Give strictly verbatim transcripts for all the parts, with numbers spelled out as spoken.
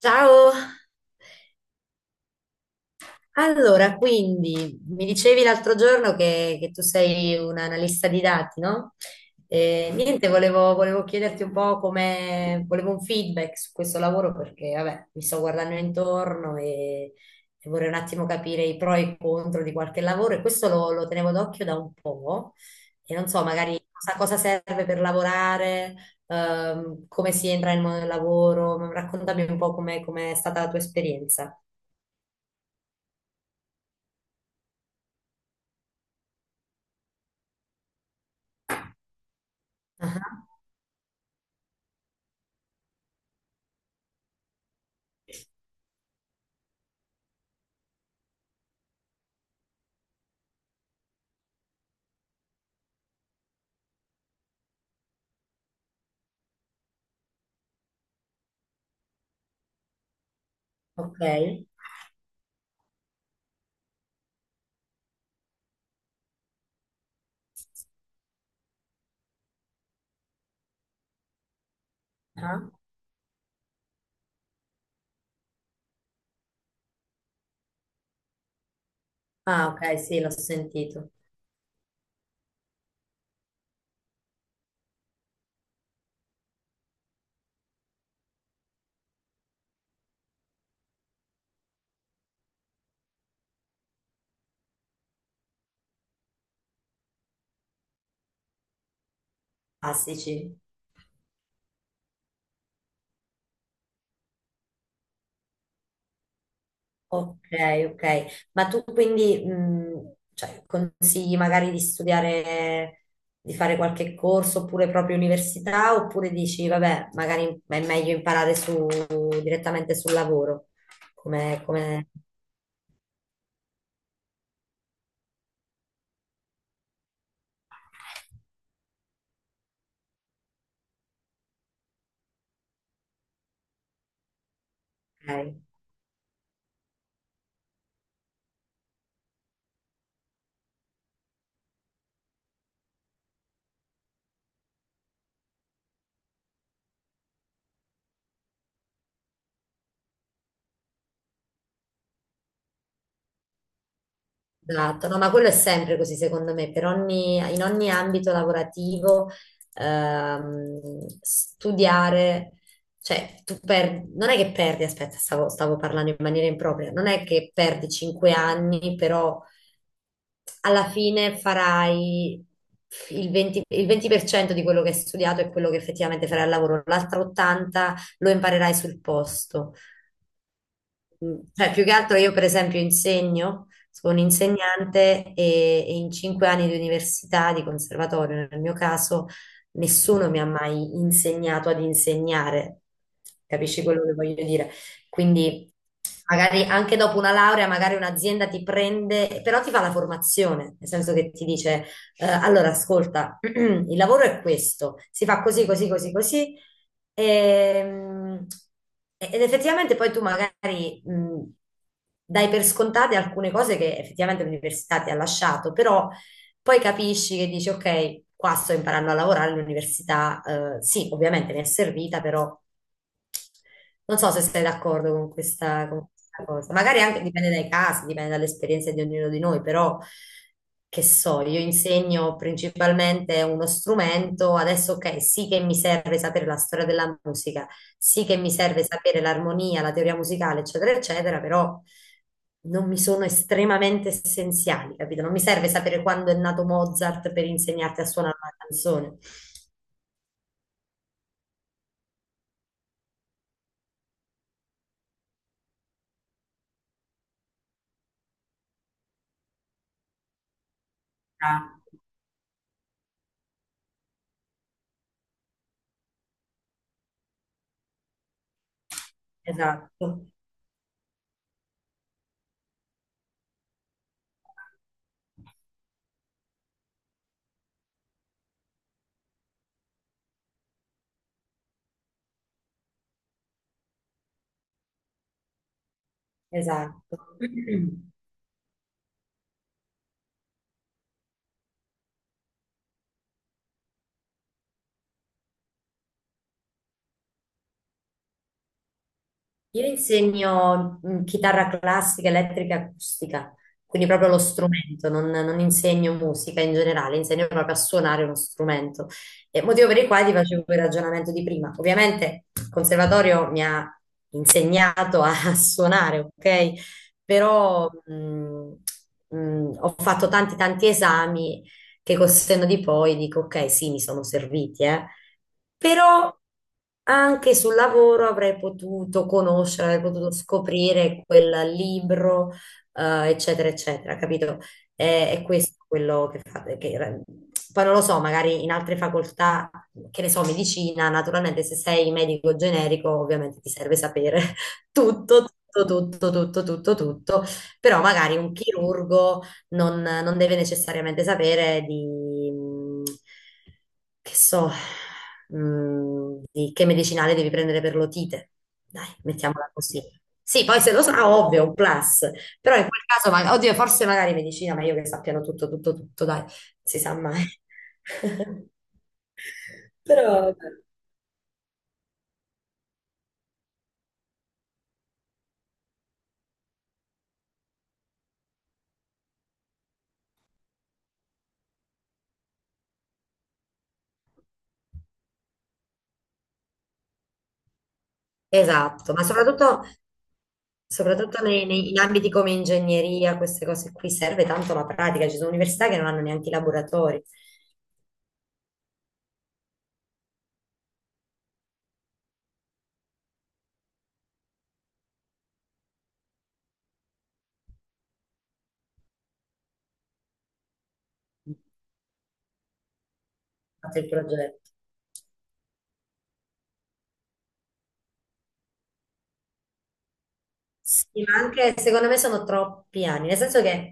Ciao! Allora, quindi mi dicevi l'altro giorno che, che tu sei un analista di dati, no? E, niente, volevo, volevo chiederti un po' come, volevo un feedback su questo lavoro perché, vabbè, mi sto guardando intorno e, e vorrei un attimo capire i pro e i contro di qualche lavoro e questo lo, lo tenevo d'occhio da un po' e non so, magari cosa, cosa serve per lavorare, ehm, come si entra nel mondo del lavoro, raccontami un po' come come è stata la tua esperienza. Ah, ok. Ah. Ah, ok, sì, l'ho sentito. Classici. Ok, ok. Ma tu quindi mh, cioè, consigli magari di studiare, di fare qualche corso oppure proprio università, oppure dici, vabbè, magari è meglio imparare su- direttamente sul lavoro? Come, come... Ok. Esatto, no, ma quello è sempre così secondo me, per ogni- in ogni ambito lavorativo ehm, studiare, cioè tu per- non è che perdi, aspetta, stavo, stavo parlando in maniera impropria, non è che perdi cinque anni, però alla fine farai il venti, il venti per cento di quello che hai studiato e quello che effettivamente farai al lavoro, l'altro ottanta per cento lo imparerai sul posto. Mm, Cioè, più che altro io per esempio insegno, sono insegnante e, e in cinque anni di università, di conservatorio nel mio caso, nessuno mi ha mai insegnato ad insegnare, capisci quello che voglio dire? Quindi magari anche dopo una laurea, magari un'azienda ti prende, però ti fa la formazione, nel senso che ti dice, eh, allora ascolta, il lavoro è questo, si fa così, così, così, così. Ehm, ed effettivamente poi tu magari mh, dai per scontate alcune cose che effettivamente l'università ti ha lasciato, però poi capisci che dici, ok, qua sto imparando a lavorare all'università, eh, sì, ovviamente mi è servita, però non so se sei d'accordo con questa, con questa cosa. Magari anche dipende dai casi, dipende dalle esperienze di ognuno di noi, però che so, io insegno principalmente uno strumento, adesso ok, sì che mi serve sapere la storia della musica, sì che mi serve sapere l'armonia, la teoria musicale, eccetera, eccetera, però non mi sono estremamente essenziali, capito? Non mi serve sapere quando è nato Mozart per insegnarti a suonare una canzone. Ah. Esatto, esatto. Io insegno mh, chitarra classica, elettrica e acustica, quindi proprio lo strumento, non, non insegno musica in generale, insegno proprio a suonare uno strumento. E motivo per il quale ti facevo quel ragionamento di prima. Ovviamente il conservatorio mi ha insegnato a, a suonare, ok? Però mh, mh, ho fatto tanti tanti esami che col senno di poi dico, ok, sì, mi sono serviti, eh però anche sul lavoro avrei potuto conoscere, avrei potuto scoprire quel libro, eh, eccetera, eccetera, capito? Eh, È, questo quello che fate. Che, era- poi non lo so, magari in altre facoltà, che ne so, medicina, naturalmente se sei medico generico, ovviamente ti serve sapere tutto, tutto, tutto, tutto, tutto, tutto, però magari un chirurgo non, non deve necessariamente sapere di, mh, che so, mh, di che medicinale devi prendere per l'otite. Dai, mettiamola così. Sì, poi se lo sa, ovvio, un plus. Però in quel caso, ma- oddio, forse magari medicina, ma io che sappiano tutto, tutto, tutto, dai, non si sa mai. Però, esatto, ma soprattutto, soprattutto nei- nei- in ambiti come ingegneria, queste cose qui serve tanto la pratica, ci sono università che non hanno neanche i laboratori. Fatto il progetto. Sì, ma anche secondo me sono troppi anni, nel senso che,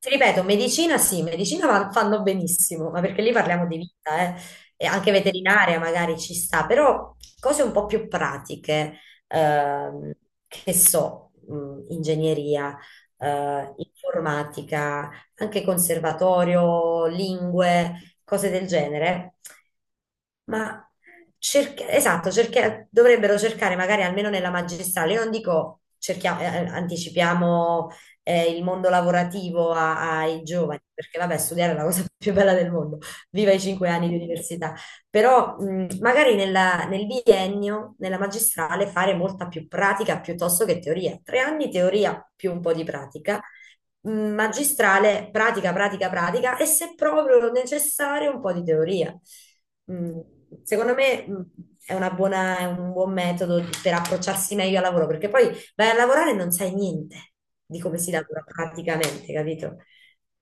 ti ripeto, medicina sì, medicina va- fanno benissimo, ma perché lì parliamo di vita, eh. E anche veterinaria magari ci sta, però cose un po' più pratiche, ehm, che so, mh, ingegneria, eh, informatica, anche conservatorio, lingue, cose del genere. Ma cerca- esatto, cerca- dovrebbero cercare magari almeno nella magistrale, io non dico cerchia- eh, eh, anticipiamo eh, il mondo lavorativo a- ai giovani, perché vabbè, studiare è la cosa più bella del mondo, viva i cinque anni di università, però mh, magari nella- nel biennio, nella magistrale, fare molta più pratica piuttosto che teoria, tre anni teoria più un po' di pratica mh, magistrale, pratica, pratica, pratica e se proprio necessario un po' di teoria. Mm, Secondo me mm, è una buona- è un buon metodo per approcciarsi meglio al lavoro, perché poi vai a lavorare e non sai niente di come si lavora praticamente, capito?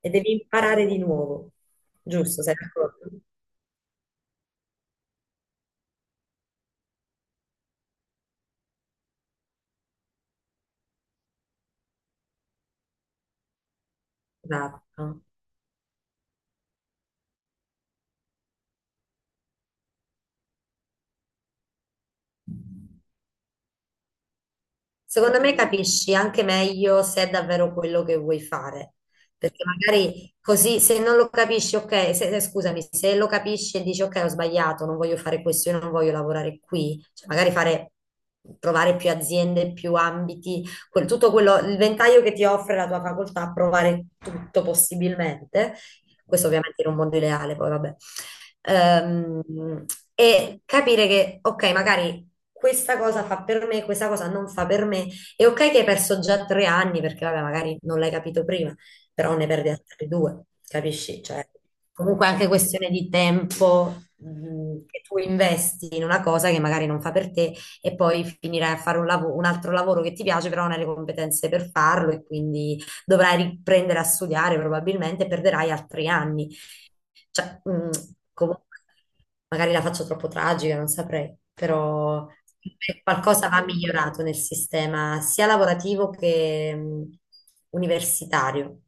E devi imparare di nuovo, giusto? Sei d'accordo? Esatto. Secondo me capisci anche meglio se è davvero quello che vuoi fare, perché magari così se non lo capisci, ok, se- se- scusami, se lo capisci e dici ok, ho sbagliato, non voglio fare questo, io non voglio lavorare qui, cioè magari fare, provare più aziende, più ambiti, quel- tutto quello, il ventaglio che ti offre la tua facoltà, provare tutto possibilmente, questo ovviamente in un mondo ideale, poi vabbè, Ehm, e capire che ok, magari questa cosa fa per me, questa cosa non fa per me. È ok che hai perso già tre anni perché vabbè, magari non l'hai capito prima, però ne perdi altri due, capisci? Cioè, comunque è anche questione di tempo mh, che tu investi in una cosa che magari non fa per te e poi finirai a fare un lavo- un altro lavoro che ti piace, però non hai le competenze per farlo e quindi dovrai riprendere a studiare probabilmente e perderai altri anni. Cioè, mm, comunque, magari la faccio troppo tragica, non saprei, però qualcosa va migliorato nel sistema sia lavorativo che mm, universitario.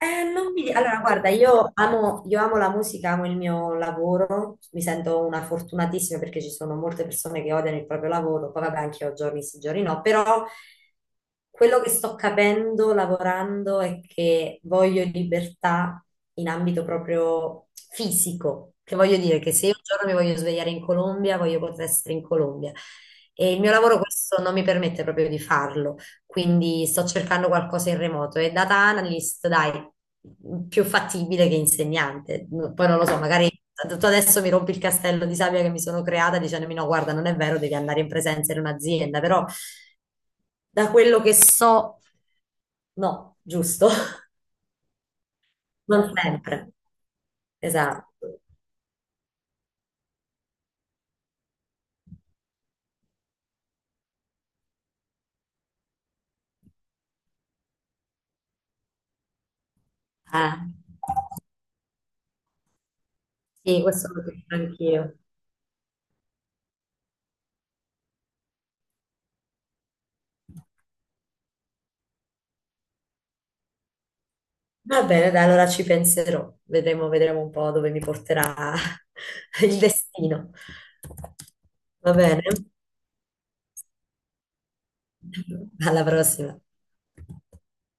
Eh, non mi... Allora, guarda, io amo, io amo la musica, amo il mio lavoro, mi sento una fortunatissima perché ci sono molte persone che odiano il proprio lavoro, poi vabbè, anche io giorni sì, giorni no, però quello che sto capendo lavorando è che voglio libertà in ambito proprio fisico, che voglio dire che se io un giorno mi voglio svegliare in Colombia, voglio poter essere in Colombia. E il mio lavoro questo non mi permette proprio di farlo quindi sto cercando qualcosa in remoto e data analyst, dai, più fattibile che insegnante. Poi non lo so, magari tu adesso mi rompi il castello di sabbia che mi sono creata dicendomi no, guarda, non è vero, devi andare in presenza in un'azienda, però da quello che so, no, giusto? Non sempre. Esatto. Eh, sì, questo lo penso anch'io. Va bene, dai, allora ci penserò. Vedremo, vedremo un po' dove mi porterà il destino. Va bene? Alla prossima.